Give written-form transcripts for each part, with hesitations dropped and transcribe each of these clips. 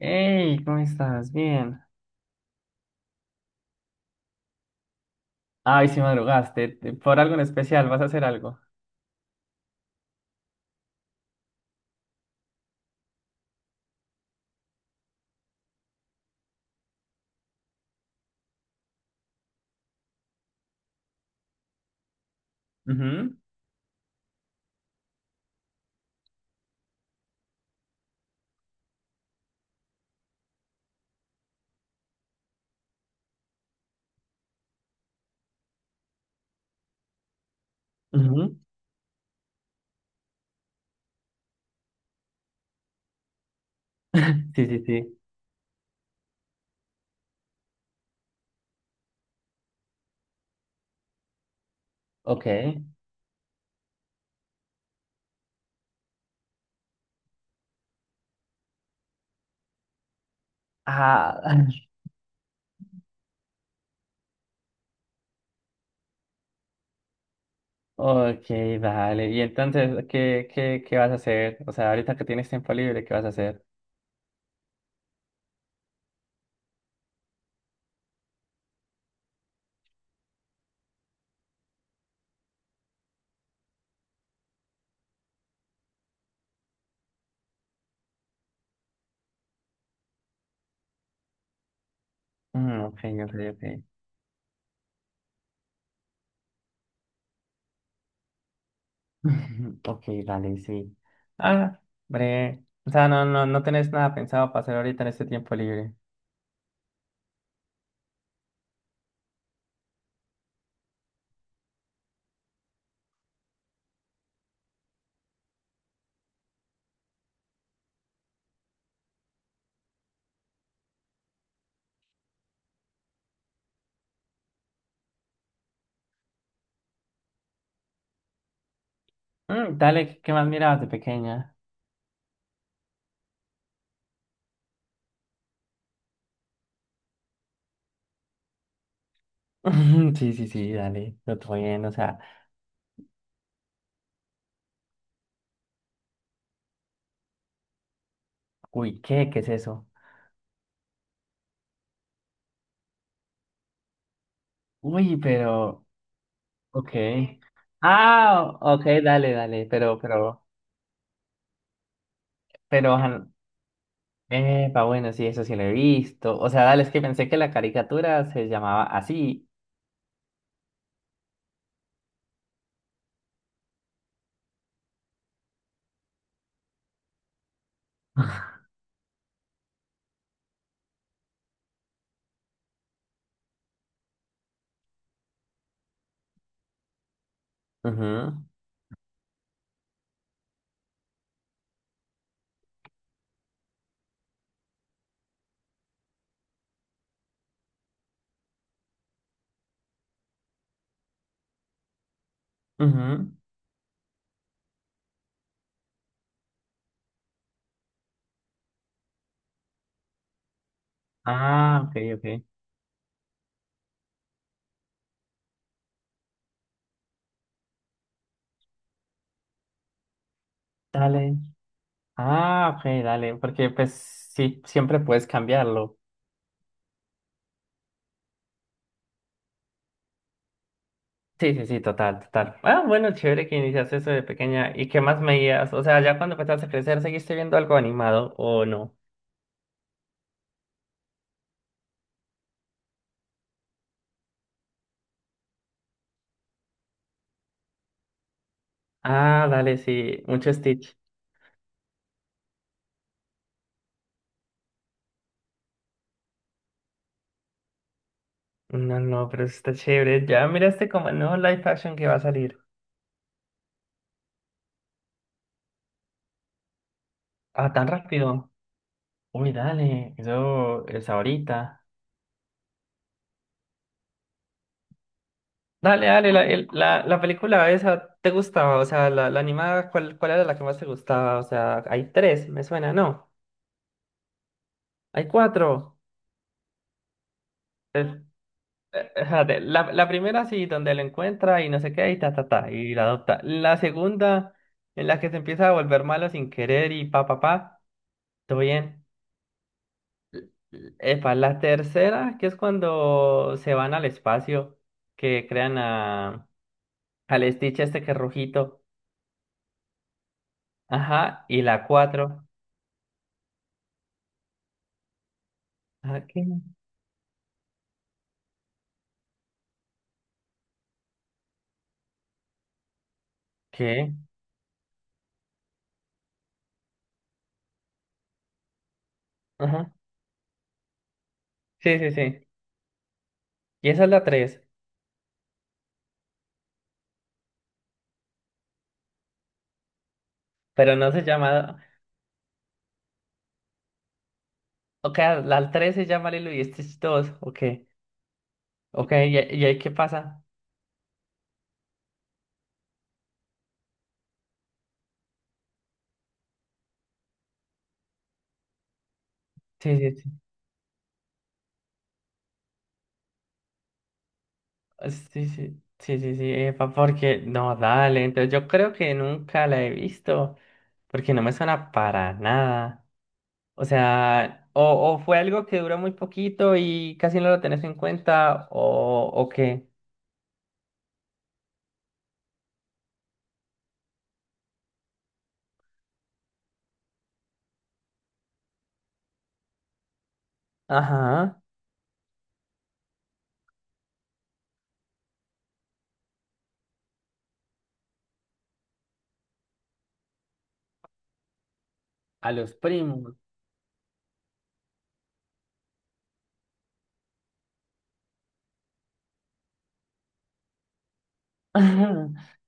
Hey, ¿cómo estás? Bien. Ay, si madrugaste. ¿Por algo en especial? ¿Vas a hacer algo? Ujú, ujú. Sí, sí, sí. Ok. Ah, ok, dale. Y entonces, ¿qué vas a hacer? O sea, ahorita que tienes tiempo libre, ¿qué vas a hacer? Mm, ok, ok, ok. Ok, dale, sí. Ah, hombre. O sea, no, no, no tenés nada pensado para hacer ahorita en este tiempo libre. Mm, dale, ¿qué más mirabas de pequeña? Sí, sí, sí, dale, lo estoy bien, o sea, uy, ¿qué? ¿Qué es eso? Uy, pero, ok. Ah, ok, dale, dale, pero, ajá, epa, bueno, sí, eso sí lo he visto. O sea, dale, es que pensé que la caricatura se llamaba así. Ujú, ujú. Ah, ok, ok. Dale. Ah, ok, dale, porque pues sí, siempre puedes cambiarlo. Sí, sí, sí, total, total. Ah, bueno, chévere que iniciaste eso de pequeña. ¿Y qué más veías? O sea, ya cuando empezaste a crecer, ¿seguiste viendo algo animado o no? Ah, dale, sí, mucho Stitch. No, no, pero eso está chévere. Ya miraste como el nuevo live action que va a salir. Ah, tan rápido. Uy, dale, eso es ahorita. Dale, dale, la película esa, ¿te gustaba? O sea, la animada, ¿cuál era la que más te gustaba? O sea, hay tres, me suena, ¿no? Hay cuatro. Es- espérate, la, la primera sí, donde lo encuentra y no sé qué, y ta, ta, ta, y la adopta. La segunda, en la que se empieza a volver malo sin querer y pa, pa, pa, todo bien. Epa, la tercera, que es cuando se van al espacio, que crean a, al Stitch este que es rojito. Ajá, y la cuatro. Ah, ¿qué? ¿Qué? Ajá. Sí, sí, sí. Y esa es la tres, pero no se llama... Ok, la tres se llama Lilo y Stitch 2, ok. Ok, y ahí qué pasa? Sí, sí, sí. Ah, sí, sí, sí, sí, sí, epa, porque no, dale. Entonces yo creo que nunca la he visto, porque no me suena para nada. O sea, o fue algo que duró muy poquito y casi no lo tenés en cuenta, o qué. Ajá. A los primos.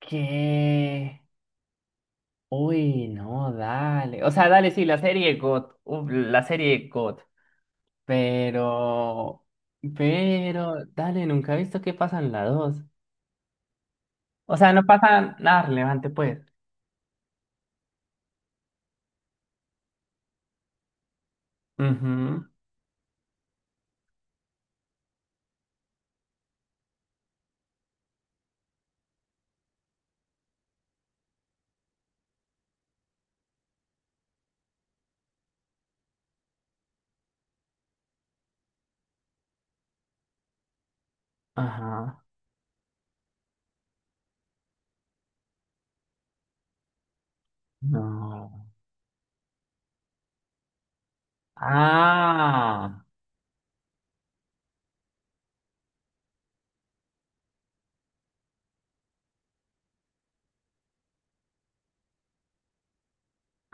¿Qué? Uy, no, dale. O sea, dale, sí, la serie God. Uf, la serie God. Pero, pero, dale, nunca he visto que pasan las dos. O sea, no pasa nada relevante, pues. Ujú. Ajá. No. Ah.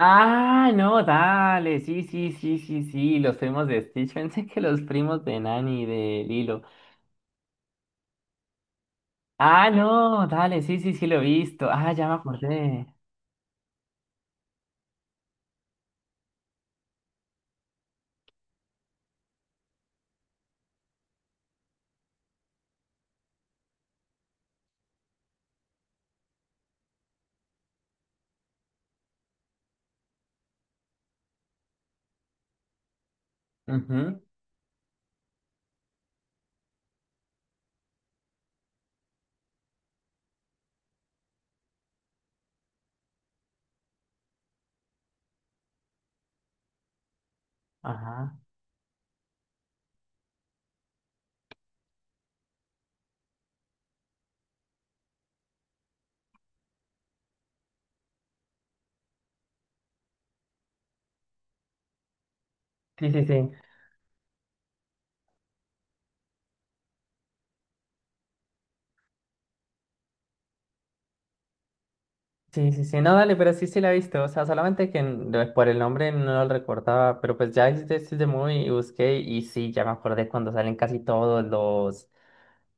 Ah, no, dale. Sí, sí, sí, sí, sí. Los primos de Stitch. Pensé que los primos de Nani y de Lilo. Ah, no, dale. Sí, sí, sí, lo he visto. Ah, ya me acordé. Ujú, ajá. Sí, sí, sí. Sí, sí, sí, no, dale, pero sí, sí la he visto, o sea, solamente que por el nombre no lo recordaba, pero pues ya hiciste de Movie y busqué y sí, ya me acordé cuando salen casi todos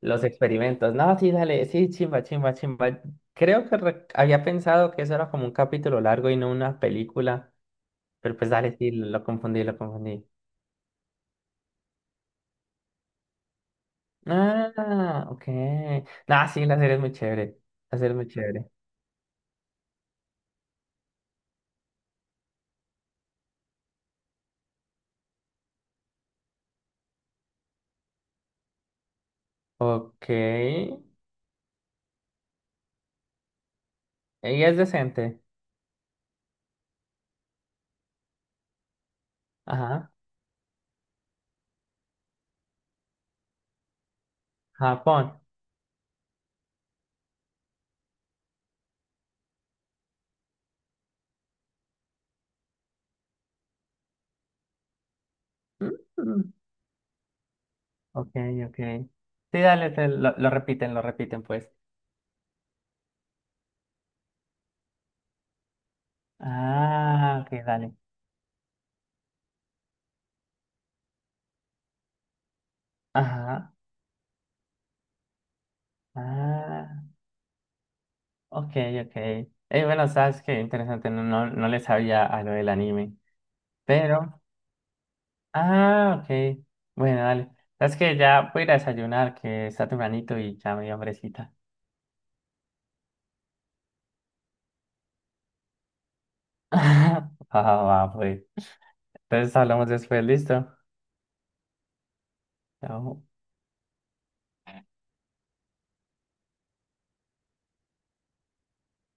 los experimentos. No, sí, dale, sí, chimba, chimba, chimba. Creo que había pensado que eso era como un capítulo largo y no una película, pero pues dale, sí, lo confundí, lo confundí. Ah, ok. No, sí, la serie es muy chévere, la serie es muy chévere. Ok, y es decente. Ajá, Japón. Mm. mm. Ok, ok. Sí, dale, lo repiten, pues. Ah, ok, dale. Ajá. Ah, ok, ok. Bueno, sabes que interesante, no, no, no le sabía a lo del anime. Pero, ah, ok. Bueno, dale. Sabes que ya voy a ir a desayunar, que está tempranito y ya me dio hambrecita. Ah, va, pues. Entonces hablamos después, listo. Chao.